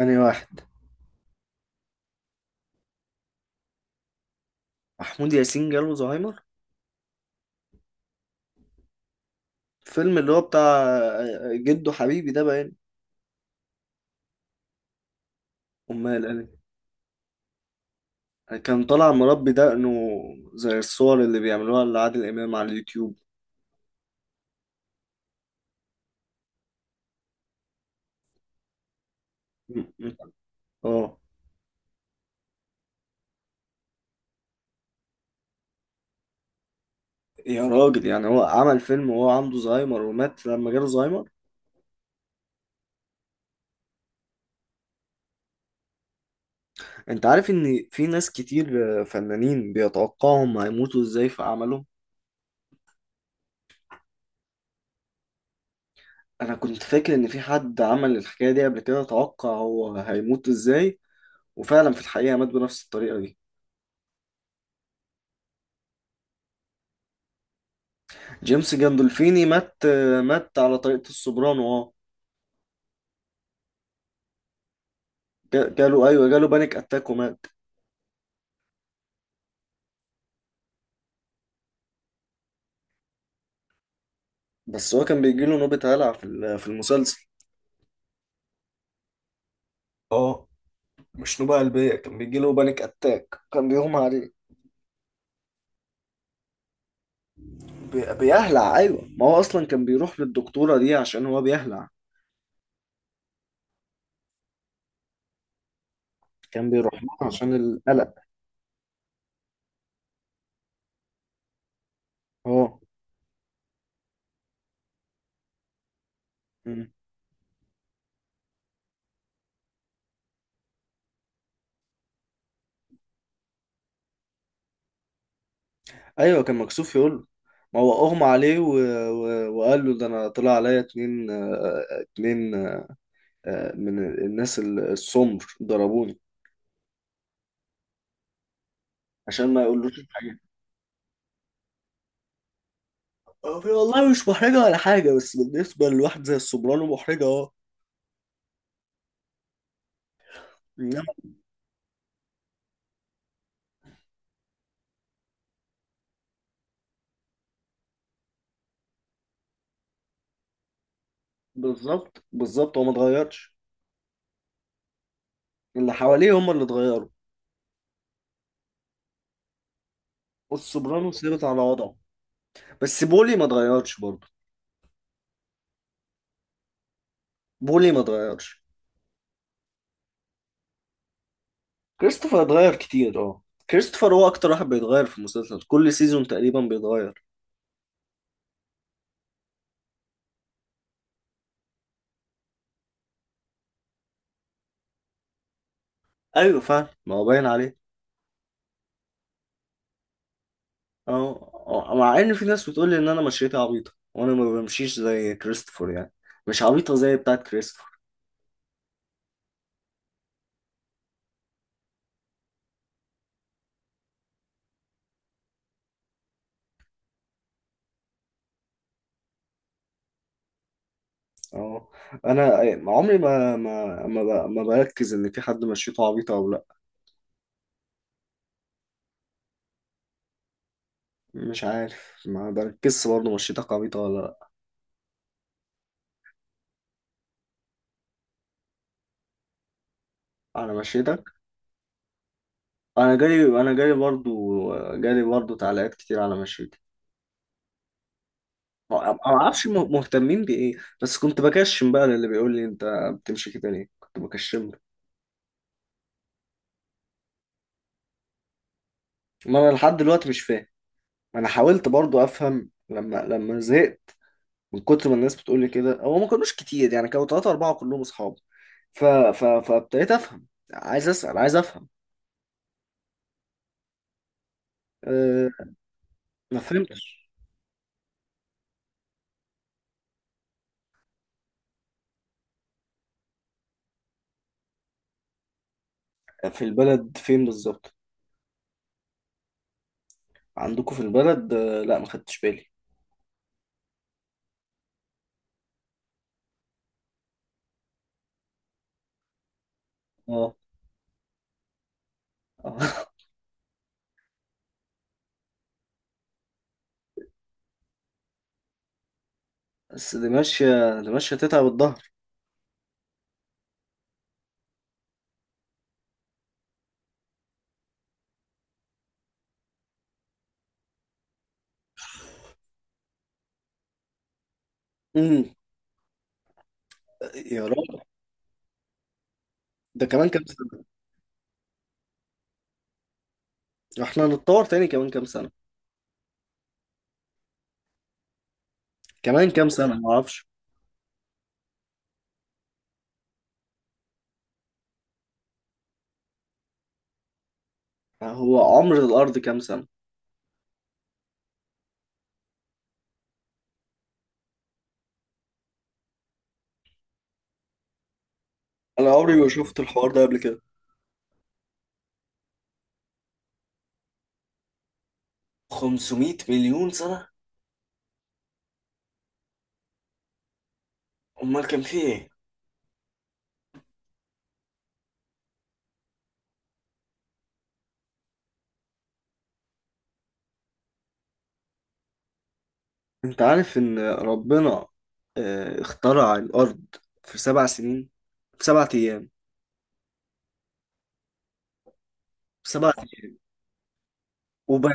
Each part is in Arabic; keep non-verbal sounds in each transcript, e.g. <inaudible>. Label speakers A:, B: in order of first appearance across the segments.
A: أنهي واحد؟ محمود ياسين جاله زهايمر؟ الفيلم اللي هو بتاع جده حبيبي ده باين. أمال أنا؟ كان طالع مربي دقنه زي الصور اللي بيعملوها لعادل إمام على اليوتيوب. م- اه. يا راجل، يعني هو عمل فيلم وهو عنده زهايمر ومات لما جاله زهايمر؟ انت عارف ان في ناس كتير، فنانين، بيتوقعهم هيموتوا ازاي في اعمالهم. انا كنت فاكر ان في حد عمل الحكاية دي قبل كده، توقع هو هيموت ازاي، وفعلا في الحقيقة مات بنفس الطريقة دي. جيمس جاندولفيني مات، مات على طريقة السوبرانو، اه. جاله، ايوه جاله بانيك اتاك ومات. بس هو كان بيجيله نوبة هلع في في المسلسل، اه. مش نوبة قلبية، كان بيجيله بانيك اتاك، كان بيغمى عليه. بيهلع، ايوه. ما هو اصلا كان بيروح للدكتورة دي عشان هو بيهلع. كان بيروح لها عشان القلق. اه. مم. ايوه كان مكسوف يقول له، ما هو اغمى عليه وقال له، ده انا طلع عليا اتنين اتنين من الناس السمر ضربوني، عشان ما يقولوش الحاجة. هو والله مش محرجة ولا حاجة، بس بالنسبة لواحد زي السوبرانو محرجة، اه. إنما بالظبط، بالظبط، هو ما اتغيرش. اللي حواليه هم اللي اتغيروا. والسوبرانو ثابت على وضعه. بس بولي ما اتغيرش برضه. بولي ما اتغيرش. كريستوفر اتغير كتير، اه. كريستوفر هو اكتر واحد بيتغير في المسلسل، كل سيزون تقريبا بيتغير. ايوه فعلا، ما هو باين عليه. اه. مع ان في ناس بتقول لي ان انا مشيتي عبيطة، وانا ما بمشيش زي كريستوفر يعني، مش عبيطة زي بتاعت كريستوفر. اه. انا عمري ما بركز ان في حد مشيته عبيطه او لا. مش عارف، ما بركزش برضه مشيتك عبيطه ولا لا. على مشيتك؟ انا جالي، انا جالي برضه تعليقات كتير على مشيتي. ما اعرفش مهتمين بايه، بس كنت بكشم بقى للي بيقول لي، انت بتمشي كده ليه، كنت بكشم له. ما انا لحد دلوقتي مش فاهم. انا حاولت برضه افهم، لما زهقت من كتر ما الناس بتقول لي كده. هو ما كانوش كتير يعني، كانوا ثلاثة أربعة كلهم أصحاب. فابتديت أفهم. عايز أسأل، عايز أفهم. أه... ما فهمتش. في البلد فين بالظبط؟ عندكم في البلد؟ لا ما خدتش بالي. اه. آه. <laughs> بس دي ماشية، دي ماشية تتعب الظهر. امم يا راجل، ده كمان كام سنة؟ احنا هنتطور تاني كمان كام سنة؟ كمان كام سنة ما اعرفش. هو عمر الأرض كام سنة؟ انا عمري ما شفت الحوار ده قبل كده. 500 مليون سنة؟ امال كان فيه ايه؟ انت عارف ان ربنا اخترع الارض في 7 سنين، في 7 ايام، في 7 ايام وب...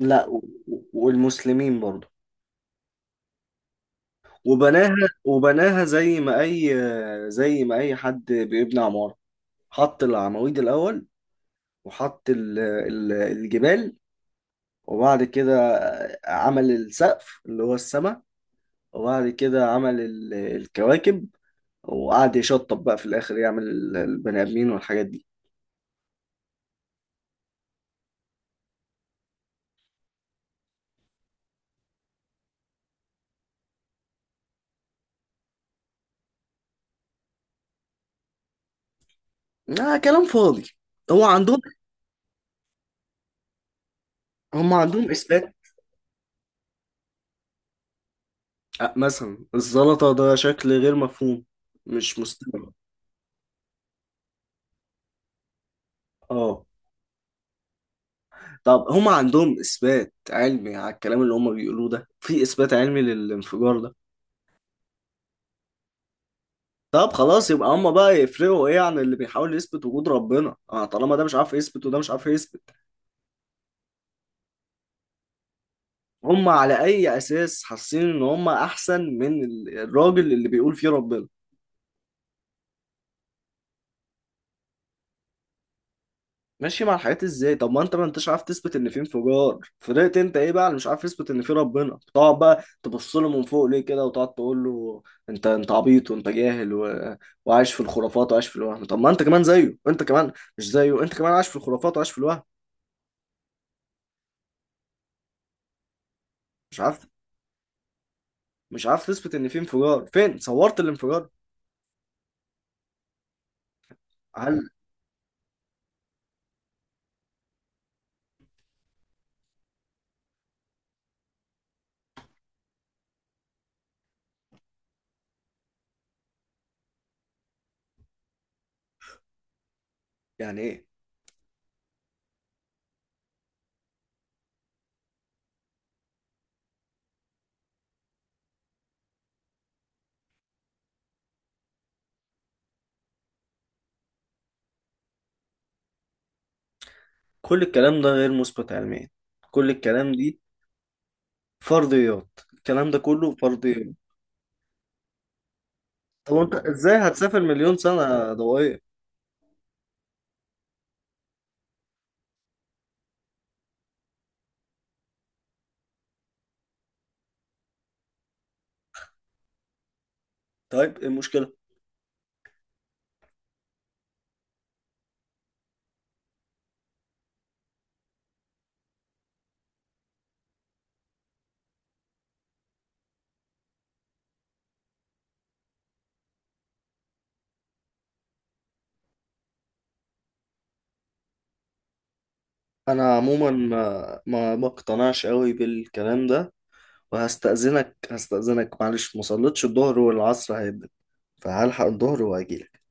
A: لا، والمسلمين برضه. وبناها، وبناها زي ما اي زي ما اي حد بيبني عمارة. حط العواميد الاول، وحط الجبال، وبعد كده عمل السقف اللي هو السماء، وبعد كده عمل الكواكب، وقعد يشطب بقى في الاخر يعمل البني ادمين والحاجات دي. لا كلام فاضي. هو عندهم، هم عندهم اثبات؟ مثلا الزلطه ده شكل غير مفهوم، مش مستمر. اه. طب هم عندهم اثبات علمي على الكلام اللي هم بيقولوه ده؟ في اثبات علمي للانفجار ده؟ طب خلاص، يبقى هم بقى يفرقوا ايه عن اللي بيحاول يثبت وجود ربنا؟ اه، طالما ده مش عارف يثبت وده مش عارف يثبت، هم على اي اساس حاسين ان هم احسن من الراجل اللي بيقول فيه ربنا؟ ماشي مع الحاجات ازاي؟ طب ما انت، ما انتش عارف تثبت ان في انفجار، فضلت انت ايه بقى اللي مش عارف تثبت ان في ربنا، تقعد بقى تبص له من فوق ليه كده وتقعد تقول له، انت، انت عبيط وانت جاهل وعايش في الخرافات وعايش في الوهم؟ طب ما انت كمان زيه، انت كمان، مش زيه، انت كمان عايش في الخرافات وعايش في الوهم. مش عارف. مش عارف تثبت ان في انفجار، فين صورت الانفجار؟ هل يعني ايه؟ كل الكلام ده غير مثبت علميا، كل الكلام دي فرضيات، الكلام ده كله فرضيات. طب انت ازاي هتسافر 1,000,000 سنة ضوئية؟ طيب ايه المشكلة؟ انا عموما ما اقتنعش قوي بالكلام ده. وهستأذنك معلش مصليتش الظهر والعصر هيبقى، فهلحق الظهر واجيلك.